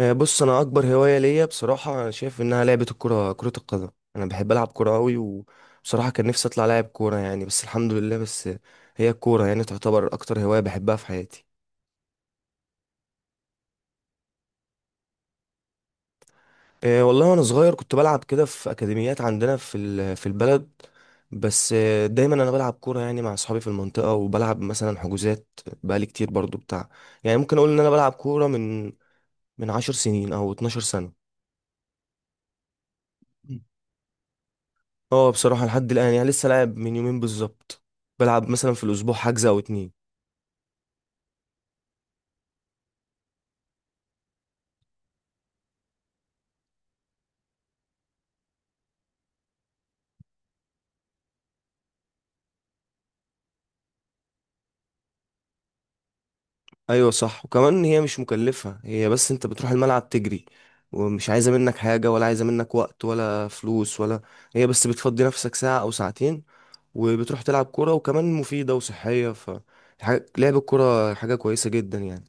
بص انا اكبر هوايه ليا بصراحه انا شايف انها لعبه الكره كره القدم. انا بحب العب كوره قوي، وبصراحه كان نفسي اطلع لاعب كوره يعني، بس الحمد لله. بس هي الكوره يعني تعتبر اكتر هوايه بحبها في حياتي. والله وانا صغير كنت بلعب كده في اكاديميات عندنا في البلد. بس دايما انا بلعب كوره يعني مع اصحابي في المنطقه، وبلعب مثلا حجوزات بقالي كتير برضو بتاع. يعني ممكن اقول ان انا بلعب كوره من 10 سنين او 12 سنه. اه بصراحة لحد الآن يعني لسه لاعب، من يومين بالظبط بلعب مثلا في الأسبوع حجز أو اتنين. أيوة صح، وكمان هي مش مكلفة، هي بس أنت بتروح الملعب تجري، ومش عايزة منك حاجة، ولا عايزة منك وقت ولا فلوس، ولا هي بس بتفضي نفسك ساعة أو ساعتين وبتروح تلعب كورة، وكمان مفيدة وصحية. ف لعب الكورة حاجة كويسة جدا يعني.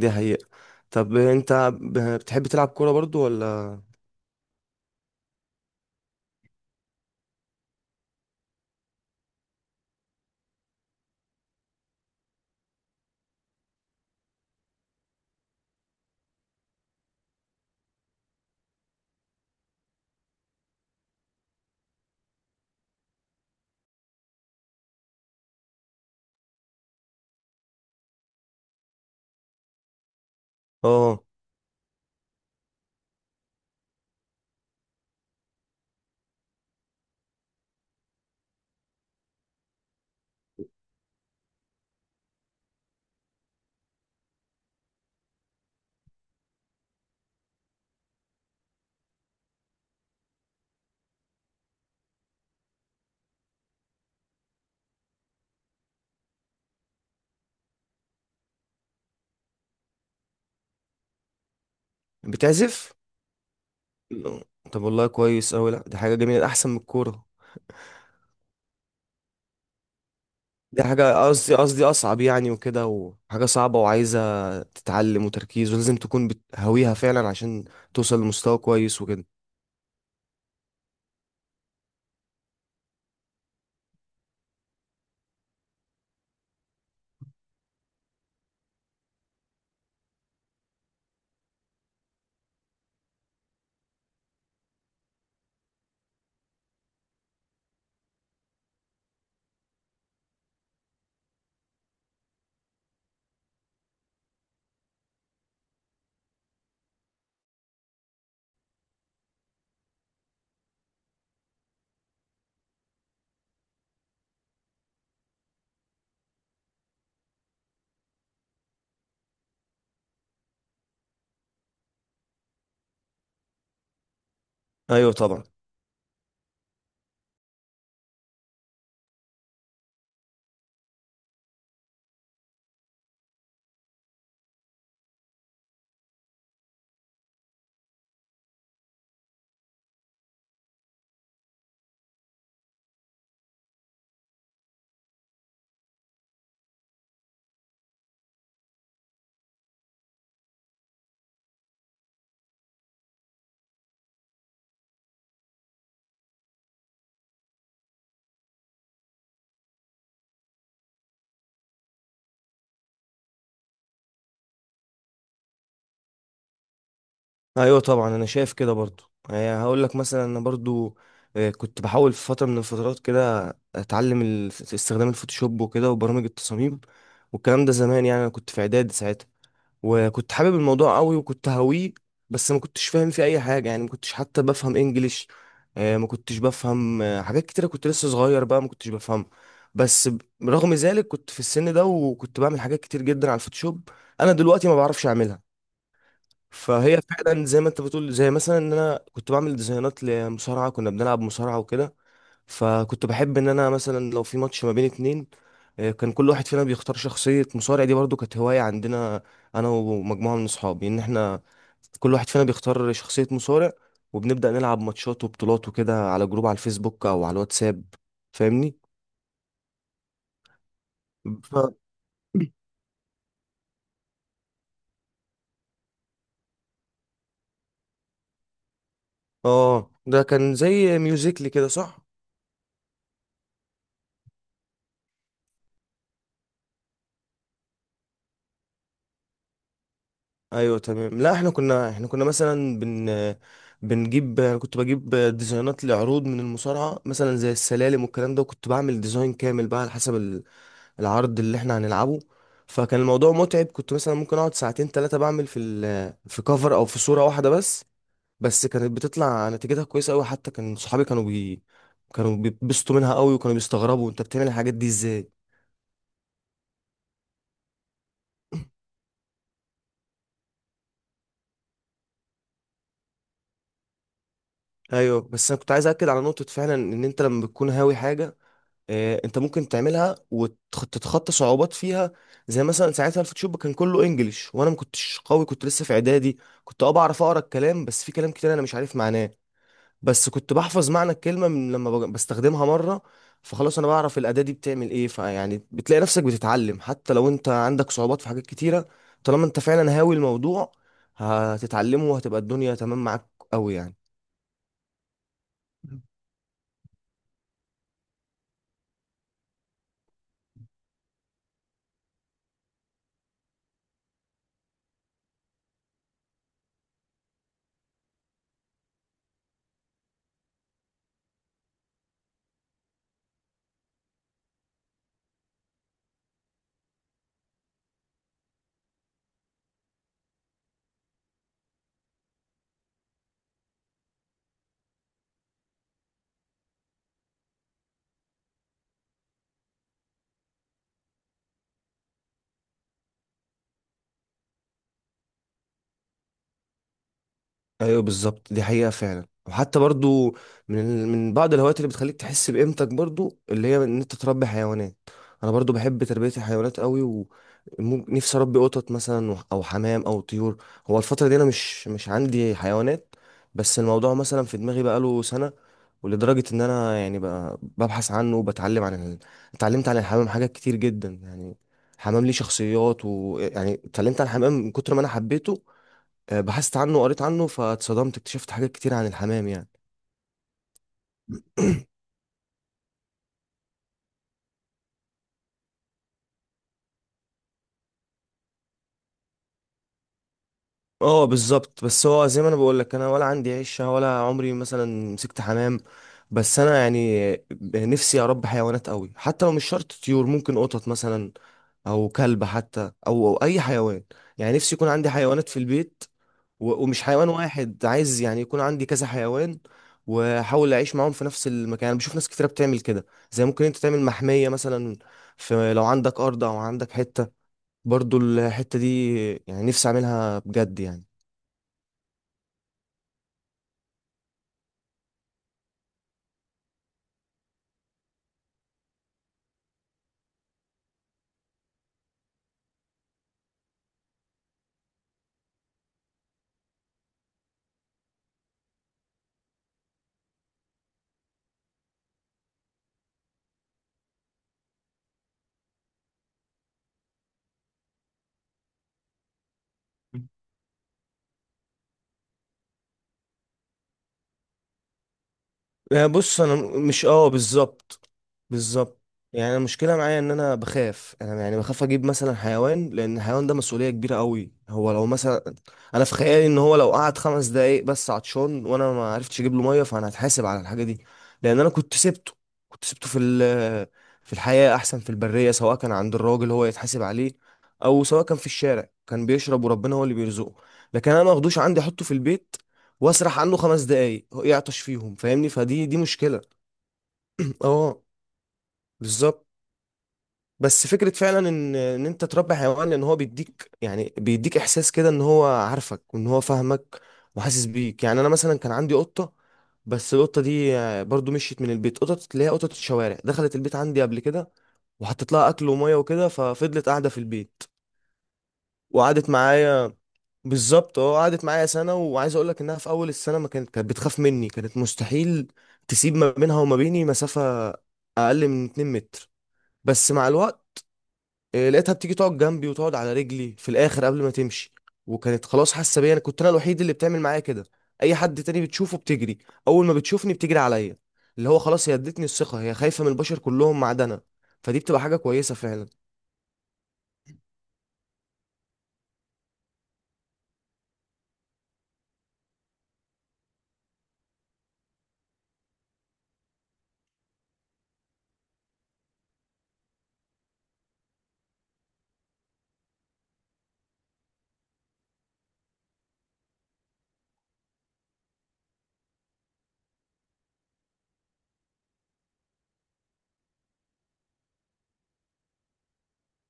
دي حقيقة. طب أنت بتحب تلعب كورة برضو ولا؟ اه بتعزف؟ لا. طب والله كويس أوي، لأ دي حاجة جميلة أحسن من الكورة. دي حاجة قصدي أصعب يعني وكده، وحاجة صعبة وعايزة تتعلم وتركيز، ولازم تكون بتهويها فعلا عشان توصل لمستوى كويس وكده. أيوة طبعا. أيوة طبعا، أنا شايف كده برضو. يعني هقول لك مثلا أنا برضو كنت بحاول في فترة من الفترات كده أتعلم استخدام الفوتوشوب وكده وبرامج التصاميم، والكلام ده زمان يعني. أنا كنت في إعدادي ساعتها، وكنت حابب الموضوع قوي وكنت هاويه. بس ما كنتش فاهم فيه اي حاجه يعني، ما كنتش حتى بفهم انجليش. ما كنتش بفهم حاجات كتيره، كنت لسه صغير بقى ما كنتش بفهمها. بس رغم ذلك كنت في السن ده وكنت بعمل حاجات كتير جدا على الفوتوشوب، انا دلوقتي ما بعرفش اعملها. فهي فعلا زي ما انت بتقول، زي مثلا ان انا كنت بعمل ديزاينات لمصارعه. كنا بنلعب مصارعه وكده، فكنت بحب ان انا مثلا لو في ماتش ما بين اتنين، كان كل واحد فينا بيختار شخصية مصارع. دي برضو كانت هواية عندنا، انا ومجموعة من اصحابي، ان احنا كل واحد فينا بيختار شخصية مصارع، وبنبدأ نلعب ماتشات وبطولات وكده على جروب على الفيسبوك او على الواتساب. فاهمني. ف... اه ده كان زي ميوزيكلي كده صح. ايوه تمام. لا احنا كنا مثلا بنجيب. انا كنت بجيب ديزاينات لعروض من المصارعه، مثلا زي السلالم والكلام ده، وكنت بعمل ديزاين كامل بقى على حسب العرض اللي احنا هنلعبه. فكان الموضوع متعب، كنت مثلا ممكن اقعد ساعتين ثلاثه بعمل في كفر او في صوره واحده بس. بس كانت بتطلع نتيجتها كويسه قوي، حتى كان صحابي كانوا بيتبسطوا منها قوي، وكانوا بيستغربوا انت بتعمل الحاجات دي ازاي. ايوه بس انا كنت عايز اكد على نقطه فعلا، ان انت لما بتكون هاوي حاجه انت ممكن تعملها وتتخطى صعوبات فيها. زي مثلا ساعتها الفوتوشوب كان كله انجليش، وانا ما كنتش قوي، كنت لسه في اعدادي. كنت اه بعرف اقرا الكلام، بس في كلام كتير انا مش عارف معناه. بس كنت بحفظ معنى الكلمه من لما بستخدمها مره، فخلاص انا بعرف الاداه دي بتعمل ايه. فيعني بتلاقي نفسك بتتعلم حتى لو انت عندك صعوبات في حاجات كتيره، طالما انت فعلا هاوي الموضوع هتتعلمه، وهتبقى الدنيا تمام معاك قوي يعني. ايوه بالظبط، دي حقيقة فعلا. وحتى برضو، من بعض الهوايات اللي بتخليك تحس بقيمتك برضو، اللي هي ان انت تربي حيوانات. انا برضو بحب تربية الحيوانات قوي، ونفسي اربي قطط مثلا او حمام او طيور. هو الفترة دي انا مش عندي حيوانات، بس الموضوع مثلا في دماغي بقاله سنة. ولدرجة ان انا يعني بقى ببحث عنه وبتعلم اتعلمت عن الحمام حاجات كتير جدا يعني. الحمام ليه شخصيات، ويعني اتعلمت عن الحمام من كتر ما انا حبيته. بحثت عنه وقريت عنه، فاتصدمت، اكتشفت حاجات كتير عن الحمام يعني. اه بالظبط. بس هو زي ما انا بقول لك، انا ولا عندي عشه، ولا عمري مثلا مسكت حمام. بس انا يعني نفسي اربي حيوانات قوي، حتى لو مش شرط طيور، ممكن قطط مثلا او كلب حتى، او اي حيوان. يعني نفسي يكون عندي حيوانات في البيت، ومش حيوان واحد، عايز يعني يكون عندي كذا حيوان، واحاول اعيش معاهم في نفس المكان. انا بشوف ناس كتيره بتعمل كده، زي ممكن انت تعمل محميه مثلا في لو عندك ارض او عندك حته. برضو الحتة دي يعني نفسي أعملها بجد يعني. بص انا مش اه بالظبط. بالظبط. يعني أنا المشكله معايا ان انا بخاف، انا يعني بخاف اجيب مثلا حيوان، لان الحيوان ده مسؤوليه كبيره قوي. هو لو مثلا، انا في خيالي ان هو لو قعد خمس دقايق بس عطشان وانا ما عرفتش اجيب له ميه، فانا هتحاسب على الحاجه دي، لان انا كنت سبته. كنت سبته في الحياه احسن، في البريه، سواء كان عند الراجل هو يتحاسب عليه، او سواء كان في الشارع، كان بيشرب وربنا هو اللي بيرزقه. لكن انا ما اخدوش عندي احطه في البيت، واسرح عنه خمس دقايق هو يعطش فيهم، فاهمني؟ فدي دي مشكلة. اه بالظبط. بس فكرة فعلا ان ان انت تربي حيوان، لان هو بيديك يعني بيديك احساس كده ان هو عارفك، وان هو فاهمك وحاسس بيك. يعني انا مثلا كان عندي قطة. بس القطة دي برضو مشيت من البيت. قطط اللي هي قطط الشوارع، دخلت البيت عندي قبل كده، وحطيت لها اكل وميه وكده، ففضلت قاعدة في البيت، وقعدت معايا. بالظبط، اه قعدت معايا سنة. وعايز اقول لك انها في اول السنة ما كانت، كانت بتخاف مني، كانت مستحيل تسيب ما بينها وما بيني مسافة اقل من 2 متر. بس مع الوقت لقيتها بتيجي تقعد جنبي، وتقعد على رجلي في الاخر قبل ما تمشي. وكانت خلاص حاسة بيا، انا كنت انا الوحيد اللي بتعمل معايا كده. اي حد تاني بتشوفه بتجري، اول ما بتشوفني بتجري عليا. اللي هو خلاص هي ادتني الثقة، هي خايفة من البشر كلهم ما عدا انا. فدي بتبقى حاجة كويسة فعلا.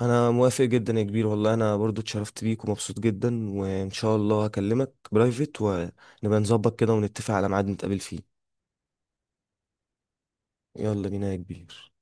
انا موافق جدا يا كبير، والله انا برضو اتشرفت بيك، ومبسوط جدا، وان شاء الله هكلمك برايفت ونبقى نظبط كده ونتفق على ميعاد نتقابل فيه. يلا بينا يا كبير.